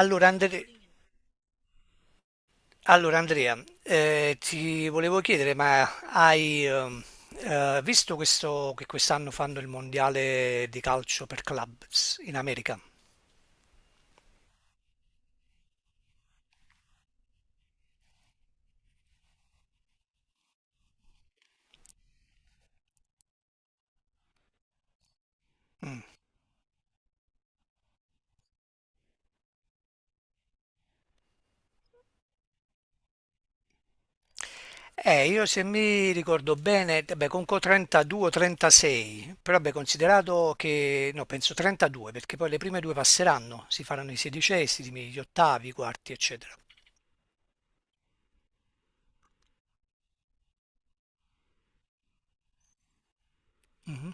Allora, Andre- allora, Andrea, ti volevo chiedere, ma hai visto questo, che quest'anno fanno il mondiale di calcio per clubs in America? Mm. Io se mi ricordo bene, beh, conco 32 36, però beh, considerato che, no, penso 32, perché poi le prime due passeranno, si faranno i sedicesimi, gli ottavi, i quarti, eccetera. Mm-hmm.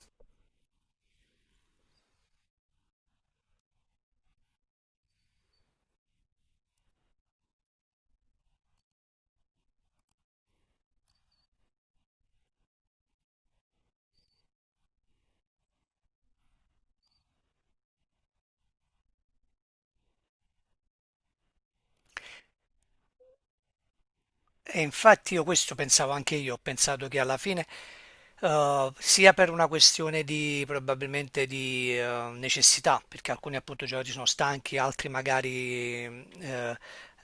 E infatti io questo pensavo anche io, ho pensato che alla fine, sia per una questione di probabilmente di necessità, perché alcuni appunto giocatori sono stanchi, altri magari mh, eh,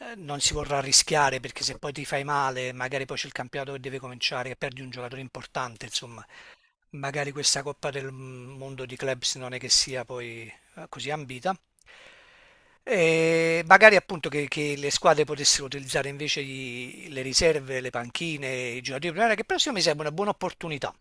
eh, non si vorrà rischiare perché se poi ti fai male, magari poi c'è il campionato che deve cominciare e perdi un giocatore importante, insomma magari questa Coppa del Mondo di Clubs non è che sia poi così ambita. E magari appunto che le squadre potessero utilizzare invece le riserve, le panchine, i giocatori di primavera, che però secondo me sarebbe una buona opportunità.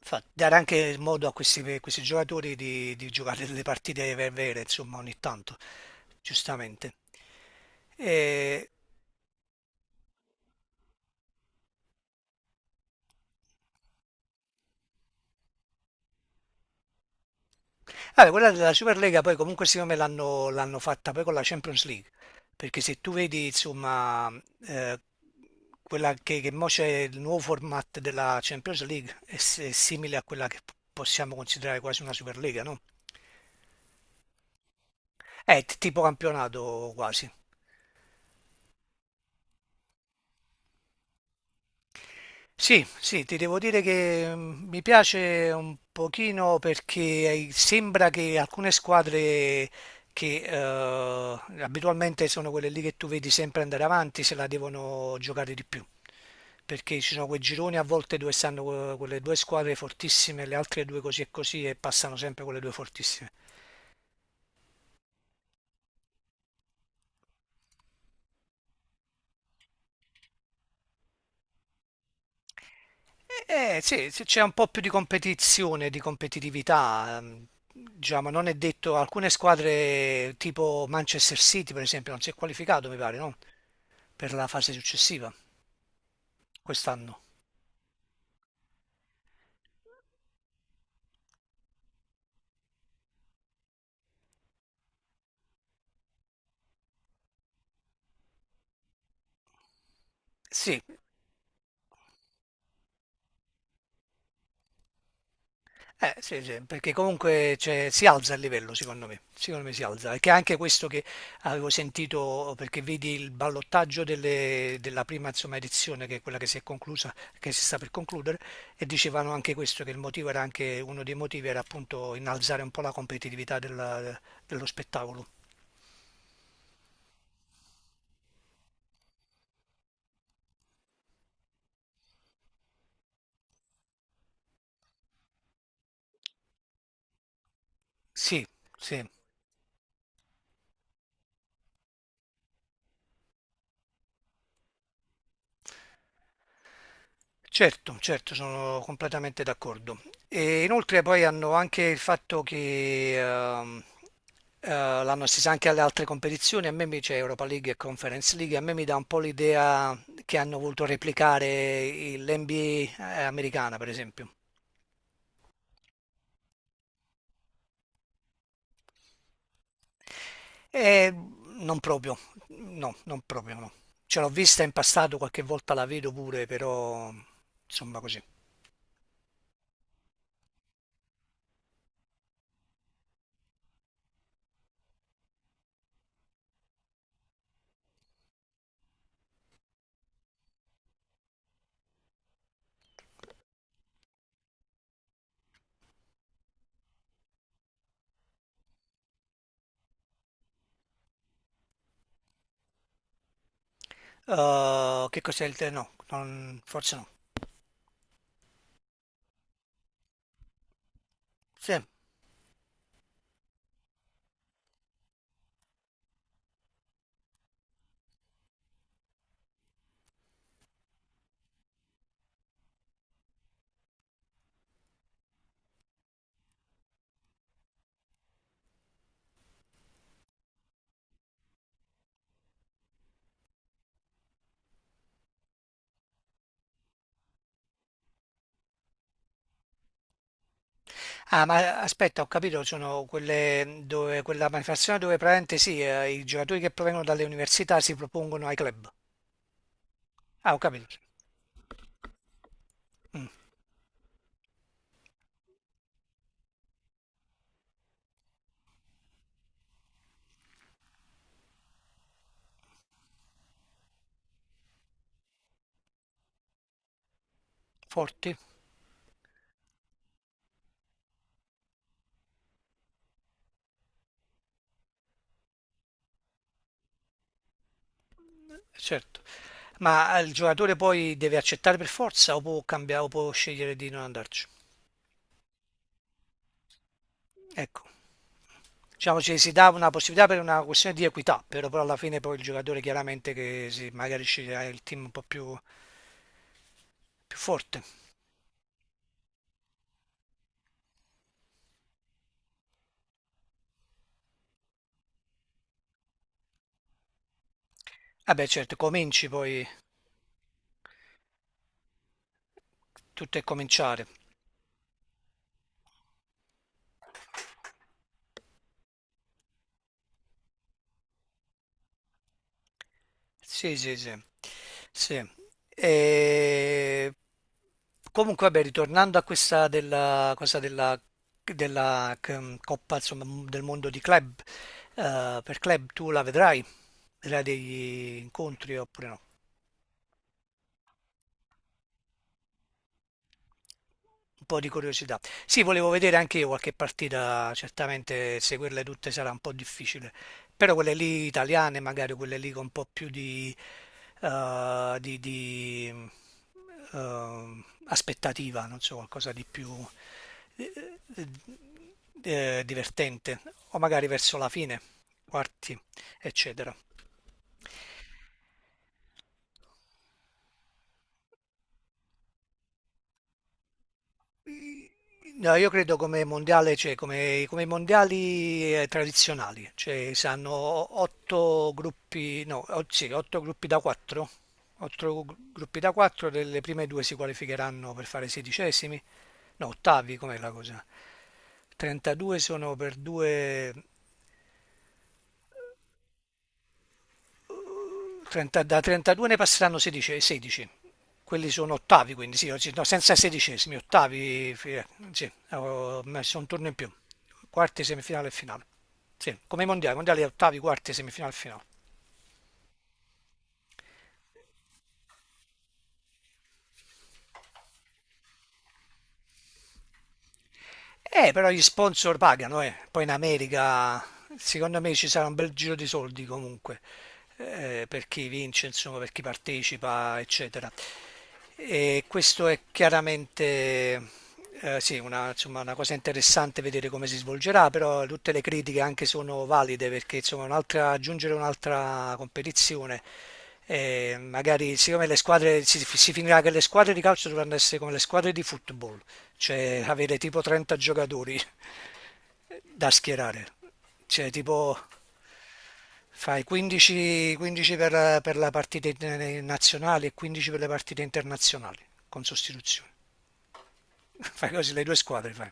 Dare anche modo a questi giocatori di giocare delle partite vere, vere, insomma, ogni tanto, giustamente. E vabbè, quella della Superlega poi comunque secondo me l'hanno fatta poi con la Champions League, perché se tu vedi insomma eh, quella che mo c'è il nuovo format della Champions League è simile a quella che possiamo considerare quasi una Superlega, no? È tipo campionato quasi. Sì, sì, ti devo dire che mi piace un pochino perché sembra che alcune squadre che abitualmente sono quelle lì che tu vedi sempre andare avanti se la devono giocare di più. Perché ci sono quei gironi a volte dove stanno quelle due squadre fortissime, le altre due così e così e passano sempre quelle due fortissime. Sì, sì, c'è un po' più di competizione, di competitività. Già, ma non è detto, alcune squadre tipo Manchester City, per esempio, non si è qualificato, mi pare, no? Per la fase successiva, quest'anno. Sì, sì, sì, perché comunque cioè, si alza il livello, secondo me. Secondo me si alza. Perché anche questo che avevo sentito, perché vedi il ballottaggio della prima, insomma, edizione, che è quella che si è conclusa, che si sta per concludere, e dicevano anche questo, che il motivo era anche, uno dei motivi era appunto innalzare un po' la competitività dello spettacolo. Sì, sì. Certo, certo, sono completamente d'accordo. E inoltre poi hanno anche il fatto che l'hanno estesa anche alle altre competizioni, a me mi c'è Europa League e Conference League, a me mi dà un po' l'idea che hanno voluto replicare l'NBA americana, per esempio. E non proprio, no, non proprio no. Ce l'ho vista in passato, qualche volta la vedo pure, però insomma così. Che cos'è il te? No, forse no. Sì. Ah, ma aspetta, ho capito, sono quelle dove, quella manifestazione dove praticamente sì, i giocatori che provengono dalle università si propongono ai club. Ah, ho capito, forti, certo. Ma il giocatore poi deve accettare per forza o può cambiare o può scegliere di non andarci? Ecco, diciamo ci si dà una possibilità per una questione di equità, però alla fine poi il giocatore chiaramente che si, magari sceglierà il team un po' più, più forte. Vabbè, certo, cominci poi, tutto è cominciare. Sì, sì, sì. Sì. E... Comunque, vabbè, ritornando a questa della cosa della Coppa, insomma, del mondo di club, per club tu la vedrai, vedrai degli incontri oppure no? Un po' di curiosità. Sì, volevo vedere anche io qualche partita, certamente seguirle tutte sarà un po' difficile, però quelle lì italiane, magari quelle lì con un po' più di aspettativa, non so, qualcosa di più eh, divertente, o magari verso la fine, quarti, eccetera. No, io credo come mondiale, cioè come i mondiali tradizionali, cioè si hanno otto gruppi, no, sì, otto gruppi da quattro, otto gruppi da quattro, delle prime due si qualificheranno per fare sedicesimi, no, ottavi, com'è la cosa? 32 sono per due, 30 da 32 ne passeranno 16, 16. Quelli sono ottavi, quindi sì, no, senza sedicesimi, ottavi, sì, ho messo un turno in più. Quarti, semifinale e finale. Sì, come i mondiali, mondiali ottavi, quarti, semifinale e finale. Però gli sponsor pagano, eh. Poi in America, secondo me ci sarà un bel giro di soldi comunque, per chi vince, insomma, per chi partecipa, eccetera. E questo è chiaramente, sì, una, insomma, una cosa interessante vedere come si svolgerà, però tutte le critiche anche sono valide perché, insomma, un'altra, aggiungere un'altra competizione magari siccome le squadre si finirà che le squadre di calcio dovranno essere come le squadre di football, cioè avere tipo 30 giocatori da schierare, cioè tipo fai 15, 15 per la partita nazionale e 15 per le partite internazionali con sostituzione. Fai così le due squadre, fai.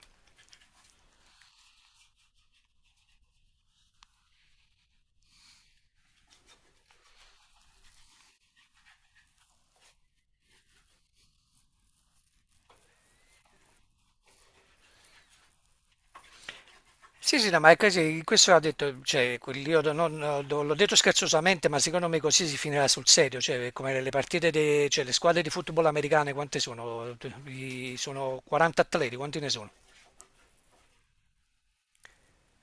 Sì, sì, no, ma è così, questo ha detto, cioè, quel- io non- no, l'ho detto scherzosamente, ma secondo me così si finirà sul serio, cioè, come le partite, cioè, le squadre di football americane, quante sono? Sono 40 atleti, quanti ne sono?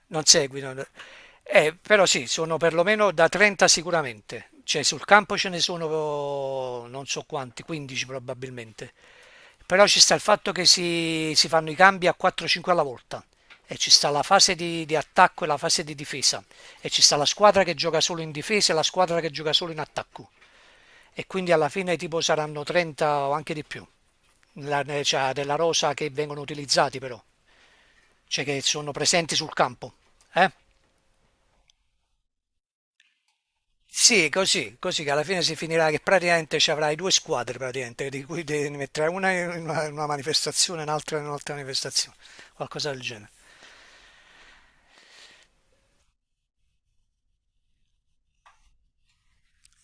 Non seguono. Però sì, sono perlomeno da 30 sicuramente, cioè sul campo ce ne sono non so quanti, 15 probabilmente. Però ci sta il fatto che si fanno i cambi a 4-5 alla volta e ci sta la fase di attacco e la fase di difesa e ci sta la squadra che gioca solo in difesa e la squadra che gioca solo in attacco e quindi alla fine tipo saranno 30 o anche di più cioè, della rosa che vengono utilizzati però, cioè che sono presenti sul campo. Eh? Sì, così che alla fine si finirà che praticamente ci avrai due squadre, praticamente, di cui devi mettere una in una, manifestazione e un'altra in un'altra manifestazione, qualcosa del genere.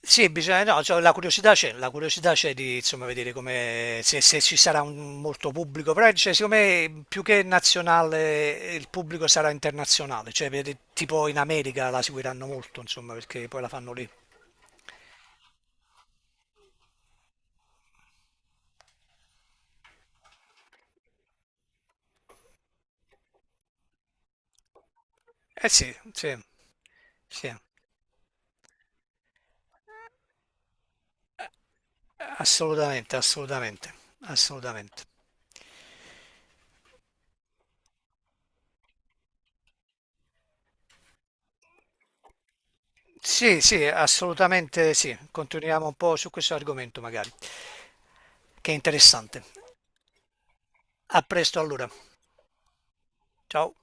Sì, bisogna, no, cioè, la curiosità c'è di insomma, vedere come, se ci sarà molto pubblico, però cioè, secondo me più che nazionale il pubblico sarà internazionale, cioè vedi, tipo in America la seguiranno molto, insomma, perché poi la fanno lì. Eh sì, sì, sì. Assolutamente, assolutamente, assolutamente. Sì, sì, assolutamente sì. Continuiamo un po' su questo argomento magari, che è interessante. A presto allora. Ciao.